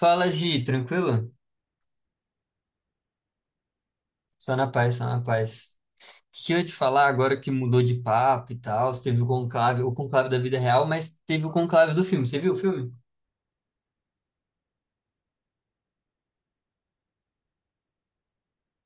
Fala, Gi, tranquilo? Só na paz, só na paz. O que que eu ia te falar agora que mudou de papo e tal? Teve o conclave da vida real, mas teve o conclave do filme. Você viu o filme?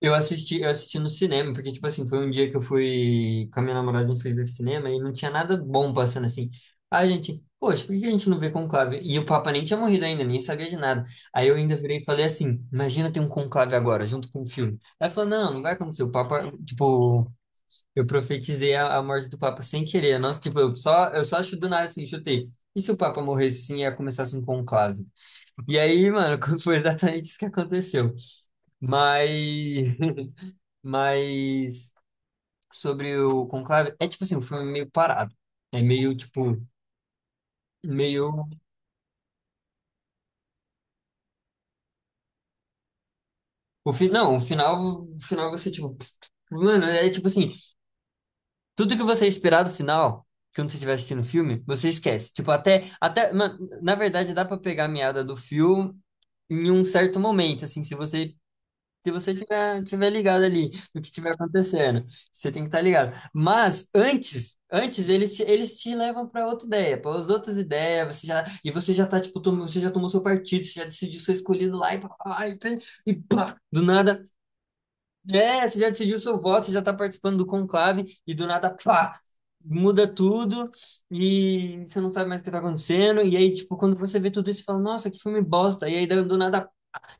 Eu assisti no cinema, porque, tipo assim, foi um dia que eu fui com a minha namorada, a gente foi ver cinema e não tinha nada bom passando assim. Aí a gente, poxa, por que que a gente não vê conclave? E o Papa nem tinha morrido ainda, nem sabia de nada. Aí eu ainda virei e falei assim: imagina ter um conclave agora, junto com o filme. Aí ela falou: não, não vai acontecer. O Papa, tipo, eu profetizei a morte do Papa sem querer. Nossa, tipo, eu só acho do nada assim, chutei. E se o Papa morresse sim, e ia começasse um conclave? E aí, mano, foi exatamente isso que aconteceu. Mas, mas sobre o conclave, é tipo assim, o filme é meio parado. É meio, tipo, meio. Não, o final você, tipo, mano, é tipo assim, tudo que você esperar do final, que quando você estiver assistindo o filme, você esquece. Tipo, até, mano, na verdade, dá pra pegar a meada do filme em um certo momento, assim, se você tiver ligado ali no que estiver acontecendo, você tem que estar ligado. Mas antes eles te levam para outra ideia, para as outras ideias, você já e você já tá tipo, você já tomou seu partido, você já decidiu seu escolhido lá e pá, pá, pá, e pá, do nada é, você já decidiu seu voto, você já está participando do conclave e do nada, pá, muda tudo e você não sabe mais o que está acontecendo. E aí, tipo, quando você vê tudo isso, você fala, nossa, que filme bosta. E aí, do nada,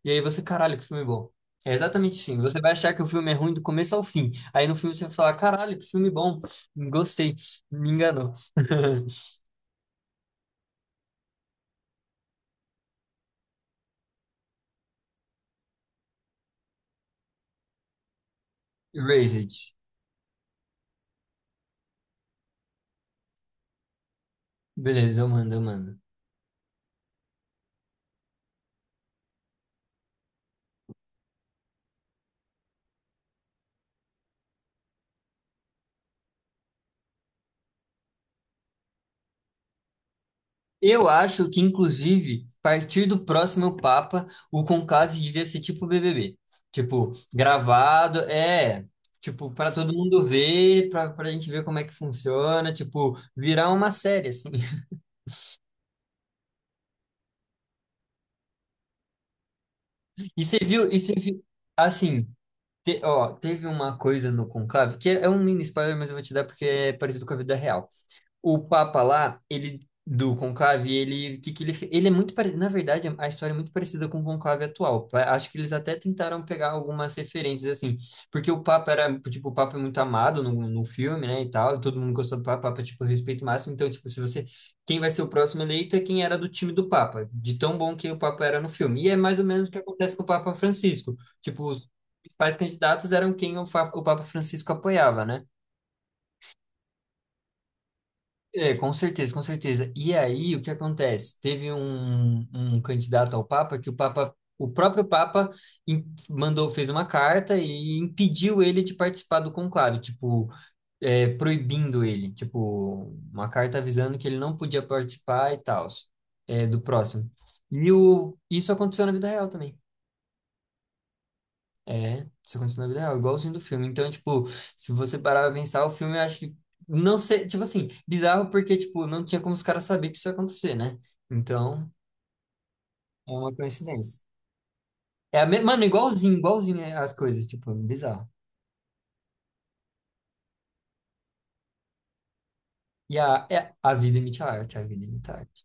e aí você, caralho, que filme bom. É exatamente assim. Você vai achar que o filme é ruim do começo ao fim. Aí no filme você vai falar, caralho, que filme bom. Gostei. Me enganou. Erased. Beleza, eu mando, eu mando. Eu acho que, inclusive, a partir do próximo Papa, o conclave devia ser tipo BBB. Tipo, gravado, é, tipo, para todo mundo ver, para a gente ver como é que funciona, tipo, virar uma série, assim. E você viu, assim, ó, teve uma coisa no conclave, que é um mini spoiler, mas eu vou te dar porque é parecido com a vida real. O Papa lá, ele do Conclave, ele que ele é muito parecido, na verdade, a história é muito parecida com o Conclave atual. Acho que eles até tentaram pegar algumas referências assim, porque o Papa era, tipo, o Papa é muito amado no filme, né, e tal, e todo mundo gostou do Papa, o Papa é, tipo respeito máximo, então tipo, se você quem vai ser o próximo eleito é quem era do time do Papa, de tão bom que o Papa era no filme. E é mais ou menos o que acontece com o Papa Francisco. Tipo, os principais candidatos eram quem o Papa Francisco apoiava, né? É, com certeza, com certeza. E aí, o que acontece? Teve um candidato ao Papa que o Papa, o próprio Papa im- mandou, fez uma carta e impediu ele de participar do conclave, tipo, é, proibindo ele, tipo, uma carta avisando que ele não podia participar e tal, é, do próximo. Isso aconteceu na vida real também. É, isso aconteceu na vida real, igualzinho do filme. Então, tipo, se você parar pra pensar, o filme eu acho que não sei, tipo assim, bizarro porque, tipo, não tinha como os caras saber que isso ia acontecer, né? Então, é uma coincidência. Mano, igualzinho, igualzinho é, as coisas, tipo, bizarro. A vida imita a arte, a vida imita a arte.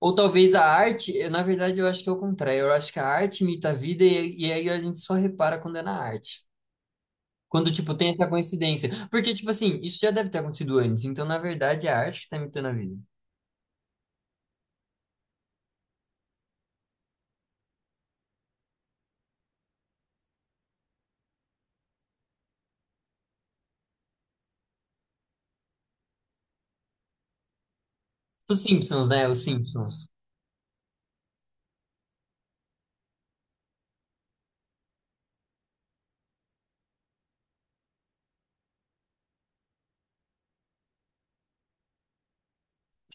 Ou talvez a arte, eu, na verdade, eu acho que é o contrário. Eu acho que a arte imita a vida e aí a gente só repara quando é na arte. Quando, tipo, tem essa coincidência. Porque, tipo assim, isso já deve ter acontecido antes. Então, na verdade, é a arte que tá imitando a vida. Os Simpsons, né? Os Simpsons.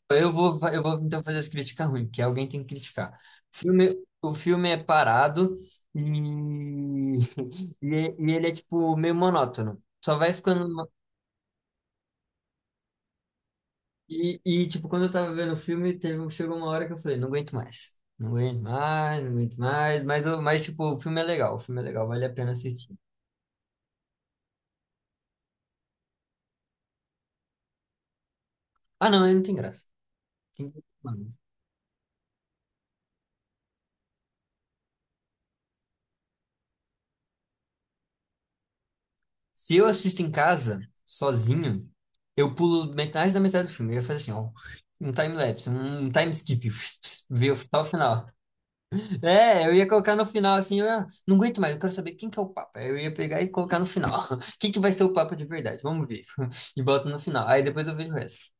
Eu vou então fazer as críticas ruins, porque alguém tem que criticar. O filme é parado e, e, é- e ele é, tipo, meio monótono. Só vai ficando. E, tipo, quando eu tava vendo o filme, chegou uma hora que eu falei, não aguento mais. Não aguento mais, não aguento mais. Mas, tipo, o filme é legal. O filme é legal, vale a pena assistir. Ah, não, ele não tem graça. Tem que- Se eu assisto em casa, sozinho, eu pulo metade da metade do filme. Eu ia fazer assim, ó, um time-lapse, um time skip, só o final. É, eu ia colocar no final assim, não aguento mais, eu quero saber quem que é o Papa. Eu ia pegar e colocar no final. Quem que vai ser o Papa de verdade? Vamos ver. E boto no final. Aí depois eu vejo o resto.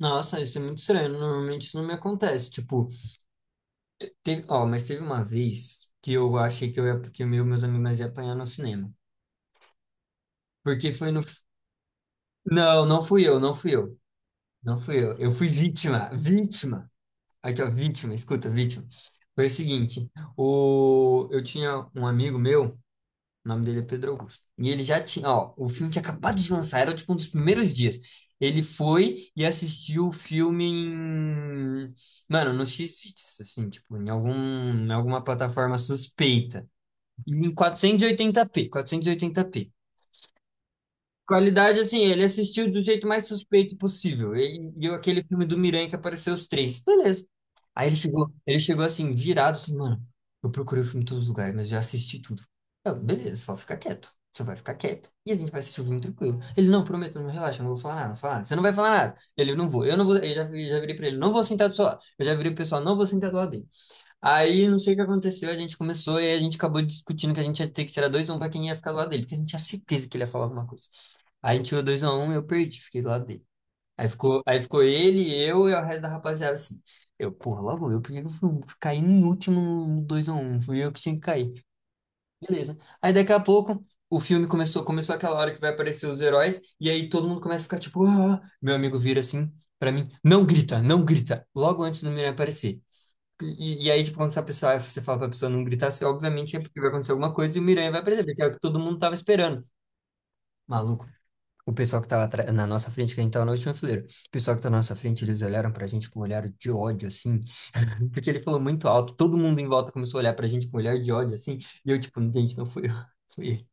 Nossa, isso é muito estranho. Normalmente isso não me acontece. Tipo, teve, ó, mas teve uma vez que eu achei que que eu e meus amigos nós ia apanhar no cinema. Porque foi no. Não, não fui eu, não fui eu. Não fui eu. Eu fui vítima. Vítima. Aqui, ó, vítima. Escuta, vítima. Foi o seguinte. Eu tinha um amigo meu, o nome dele é Pedro Augusto. E ele já tinha, ó, o filme tinha acabado de lançar, era tipo um dos primeiros dias. Ele foi e assistiu o filme mano, no X-Vídeos, assim, tipo, em alguma plataforma suspeita. E em 480p, 480p. Qualidade, assim, ele assistiu do jeito mais suspeito possível. Ele viu aquele filme do Miranha que apareceu os três. Beleza. Aí ele chegou assim, virado, assim, mano, eu procurei o filme em todos os lugares, mas já assisti tudo. Eu, beleza, só fica quieto. Você vai ficar quieto. E a gente vai assistir o filme tranquilo. Ele, não, prometo, não relaxa, eu não vou falar nada, não vou falar nada. Você não vai falar nada. Ele, não vou, eu não vou. Já virei pra ele, não vou sentar do seu lado. Eu já virei pro pessoal, não vou sentar do lado dele. Aí não sei o que aconteceu, a gente começou e a gente acabou discutindo que a gente ia ter que tirar dois x 1 pra quem ia ficar do lado dele, porque a gente tinha certeza que ele ia falar alguma coisa. Aí a gente tirou dois x 1 e eu perdi, fiquei do lado dele. Aí ficou ele, eu e o resto da rapaziada assim. Eu, porra, logo eu, porque eu fui cair no último no 2x1, fui eu que tinha que cair. Beleza. Aí daqui a pouco o filme começou, começou aquela hora que vai aparecer os heróis, e aí todo mundo começa a ficar tipo, ah, meu amigo vira assim. Pra mim, não grita, não grita, logo antes do Miranha aparecer. E aí, tipo, quando essa pessoa, você fala pra pessoa não gritar, você obviamente é porque vai acontecer alguma coisa e o Miranha vai perceber, que é o que todo mundo tava esperando. Maluco, o pessoal que tava na nossa frente, que a gente tava na última fileira, o pessoal que tá na nossa frente, eles olharam pra gente com um olhar de ódio, assim, porque ele falou muito alto, todo mundo em volta começou a olhar pra gente com um olhar de ódio, assim, e eu, tipo, gente, não foi eu, foi ele.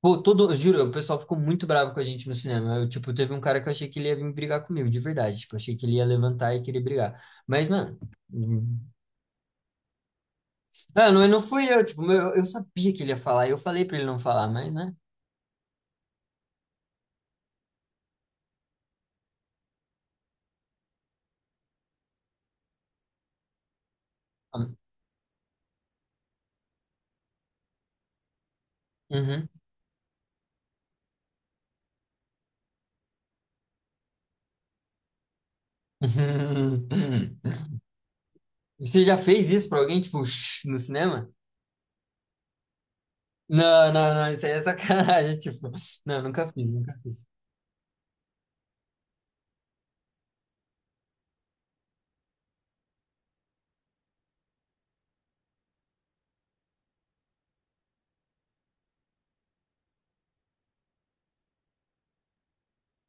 Pô, todo, eu juro, o pessoal ficou muito bravo com a gente no cinema. Eu, tipo, teve um cara que eu achei que ele ia vir brigar comigo, de verdade. Tipo, achei que ele ia levantar e querer brigar. Mas, mano. Ah, não, não fui eu, tipo, eu sabia que ele ia falar, eu falei pra ele não falar, mas, né? Uhum. Você já fez isso pra alguém, tipo, shh, no cinema? Não, não, não, isso aí é sacanagem, tipo, não, nunca fiz, nunca fiz.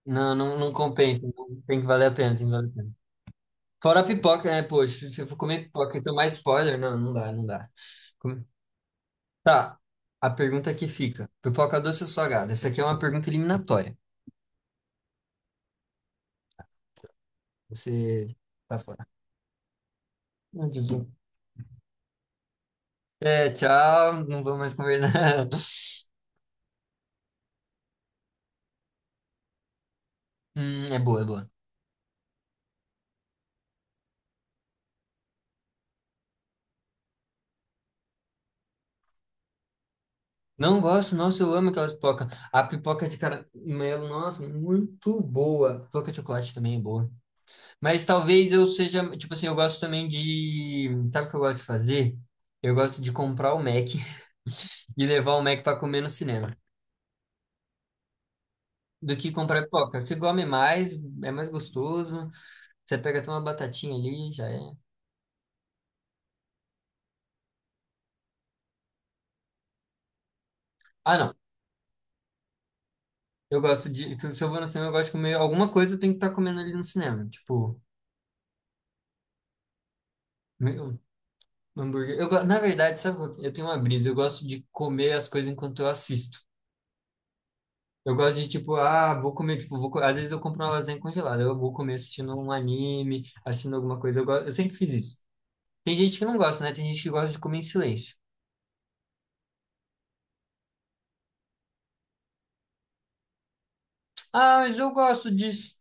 Não, não, não compensa, não, tem que valer a pena, tem que valer a pena. Fora a pipoca, né, poxa, se eu for comer pipoca e tomar spoiler, não, não dá, não dá. Come- Tá, a pergunta que fica, pipoca doce ou salgada? Essa aqui é uma pergunta eliminatória, você tá fora. Meu Deus. É, tchau, não vou mais conversar. É boa, é boa. Não gosto, nossa, eu amo aquelas pipocas. A pipoca de caramelo, nossa, muito boa. Pipoca de chocolate também é boa. Mas talvez eu seja, tipo assim, eu gosto também de. Sabe o que eu gosto de fazer? Eu gosto de comprar o Mac e levar o Mac pra comer no cinema. Do que comprar pipoca. Você come mais, é mais gostoso. Você pega até uma batatinha ali, já é. Ah, não. Eu gosto de. Se eu vou no cinema, eu gosto de comer alguma coisa, eu tenho que estar comendo ali no cinema. Tipo. Meu, hambúrguer. Na verdade, sabe, eu tenho uma brisa, eu gosto de comer as coisas enquanto eu assisto. Eu gosto de, tipo, ah, vou comer, tipo, às vezes eu compro uma lasanha congelada, eu vou comer assistindo um anime, assistindo alguma coisa, eu sempre fiz isso. Tem gente que não gosta, né? Tem gente que gosta de comer em silêncio. Ah, mas eu gosto disso.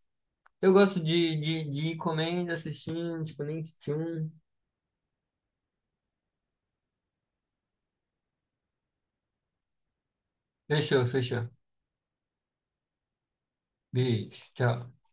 Eu gosto de ir comendo, assistindo, tipo, nem um. Fechou, fechou. Beijo, tchau.